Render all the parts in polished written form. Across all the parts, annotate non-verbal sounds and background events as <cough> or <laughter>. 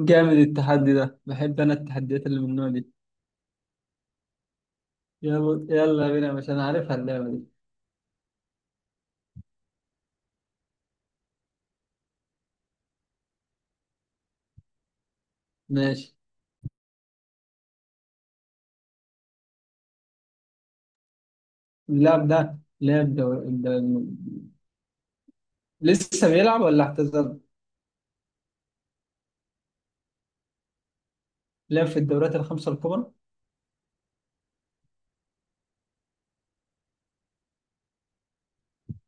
جامد التحدي ده، بحب انا التحديات اللي من النوع دي. يلا يلا بينا، مش انا عارفها اللعبه دي. ماشي. اللاعب ده لعب دور... لسه بيلعب ولا اعتزل؟ لعب في الدوريات الخمسه الكبرى؟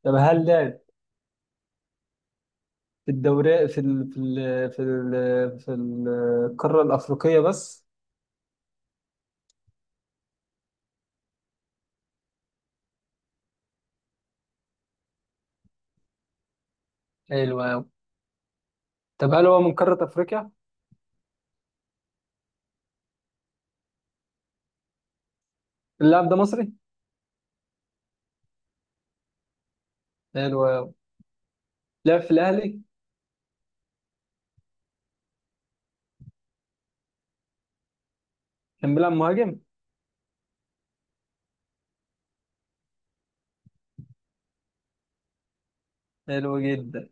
طب هل لعب في الدوري، في القاره الافريقيه بس؟ حلو قوي. طب هل هو من قاره افريقيا؟ اللاعب ده مصري؟ حلو قوي. لعب في الاهلي؟ كان بيلعب مهاجم؟ حلو جدا.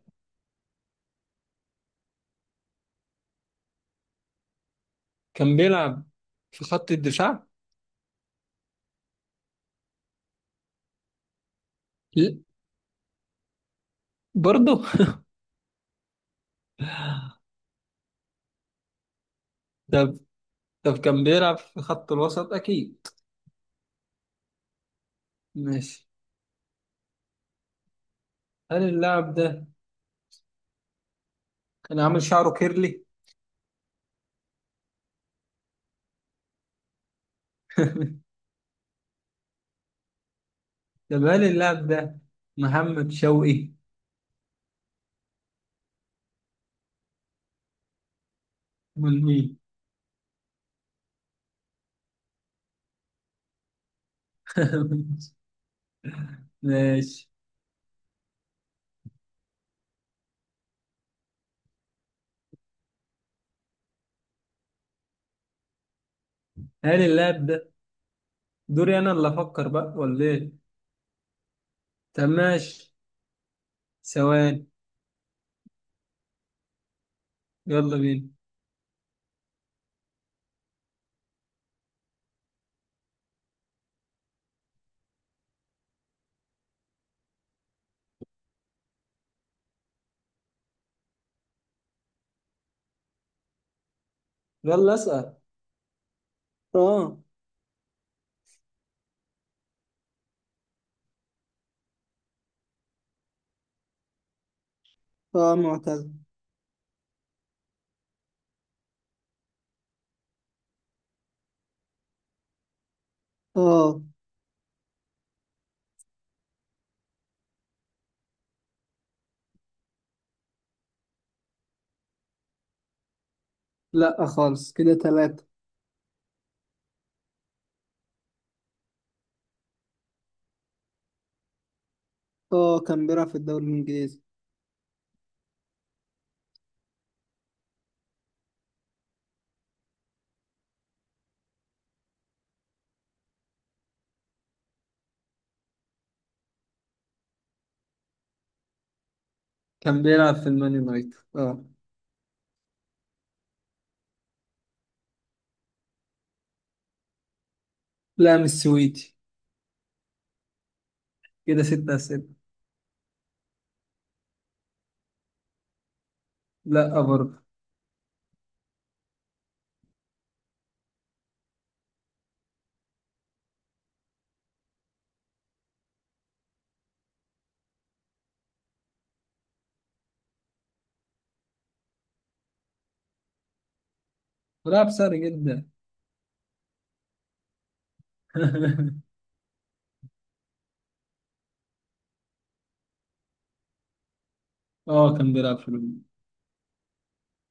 كان بيلعب في خط الدفاع؟ ل- برضه؟ <laughs> طب، كان بيلعب في خط الوسط أكيد. ماشي. هل اللاعب ده كان عامل شعره كيرلي؟ طب هل اللاعب ده محمد شوقي؟ من مين؟ <laughs> ماشي. هل اللاعب ده... دوري أنا اللي أفكر بقى ولا إيه؟ طب ماشي. ثواني. يلا بينا. يلا أسأل. اه. اه معتزل. اه. لا خالص، كده ثلاثة. اه كان بيلعب في الدوري الانجليزي. كان بيلعب في المان يونايتد، اه. لا مش سويتي. كده ست أسئلة. لا برضه. بيلعب سهل جدا. <laughs> اه كان بيلعب في الهجوم.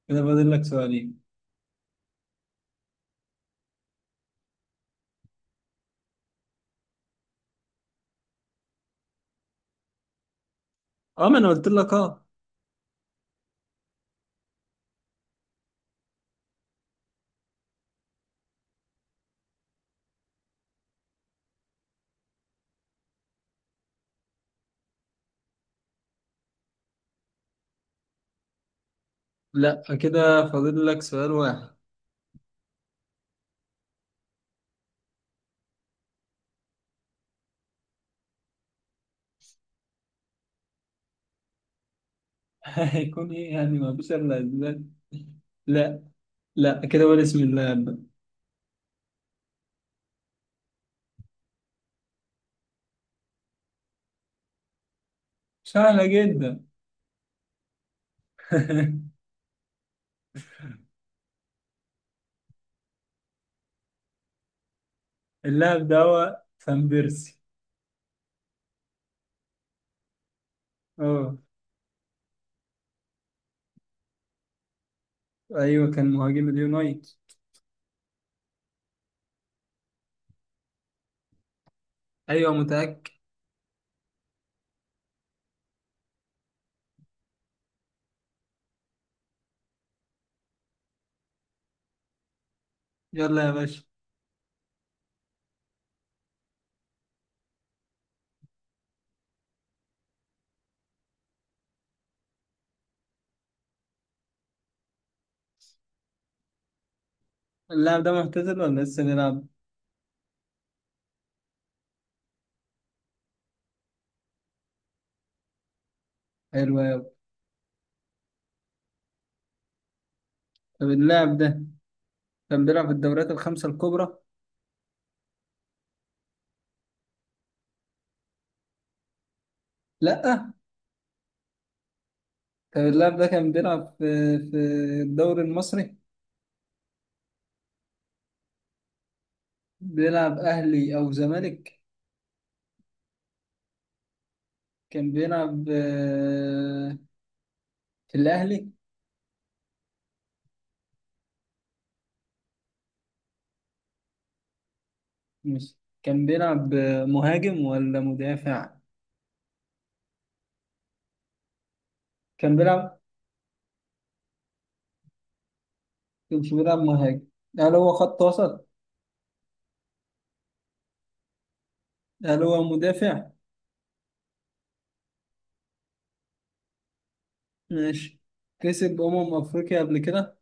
كده فاضل لك سؤالين. اه ما انا قلت لك اه. لا، كده فاضل لك سؤال واحد. <laughs> هيكون ايه يعني؟ ما فيش الا اسباب. لا. لا، كده قول اسم اللاعب ده. سهلة جدا. <laughs> اللاعب ده هو فان بيرسي. اه. ايوه، كان مهاجم اليونايتد. ايوه متأكد. يلا يا باشا. اللاعب ده معتزل ولا لسه بيلعب؟ حلو أوي. طب اللاعب ده كان بيلعب في الدوريات الخمسة الكبرى؟ لا. طب اللاعب ده كان بيلعب في الدوري المصري؟ بيلعب أهلي أو زمالك؟ كان بيلعب في الأهلي؟ مش كان بيلعب مهاجم ولا مدافع؟ كان بيلعب، مش بيلعب مهاجم. هل هو خط وسط؟ هل هو مدافع؟ ماشي. كسب أمم أفريقيا قبل كده؟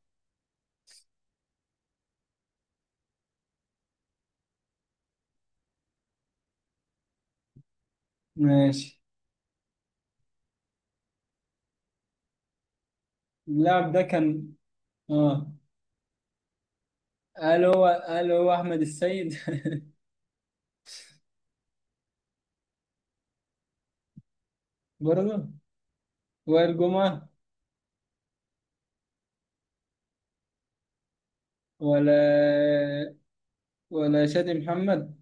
ماشي. اللاعب ده كان... اه. هل هو أحمد السيد؟ <laughs> برضه. وائل جمعة، ولا ولا شادي محمد،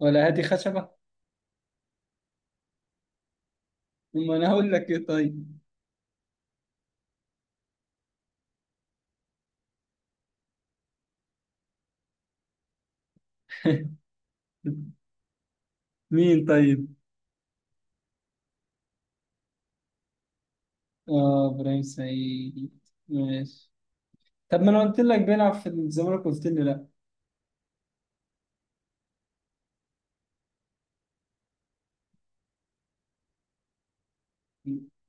ولا هادي خشبة؟ أما أنا هقول لك إيه طيب؟ مين طيب؟ آه إبراهيم سعيد. ماشي. طب ما أنا قلت لك بيلعب في الزمالك، قلت لي لأ.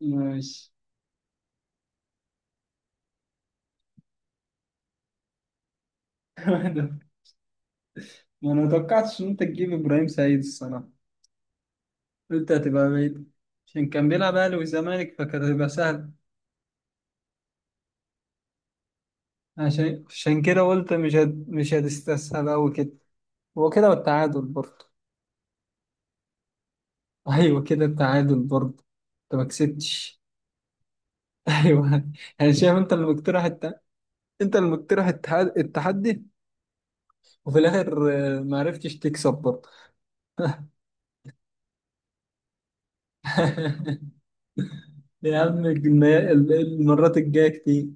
ماشي. <laughs> ما أنا متوقعتش إن أنت تجيب إبراهيم سعيد الصراحة. قلت هتبقى بعيد، عشان كان بيلعب أهلي وزمالك فكانت هتبقى سهل. عشان كده قلت مش هتستسهل أوي كده. هو كده، والتعادل برضه. <laughs> أيوه كده، التعادل برضه. أنت ما كسبتش. <laughs> أيوه. أنا شايف أنت اللي مقترح، التحدي، وفي الاخر ما عرفتش تكسب برضه. <laughs> يا عم المرات الجايه كتير.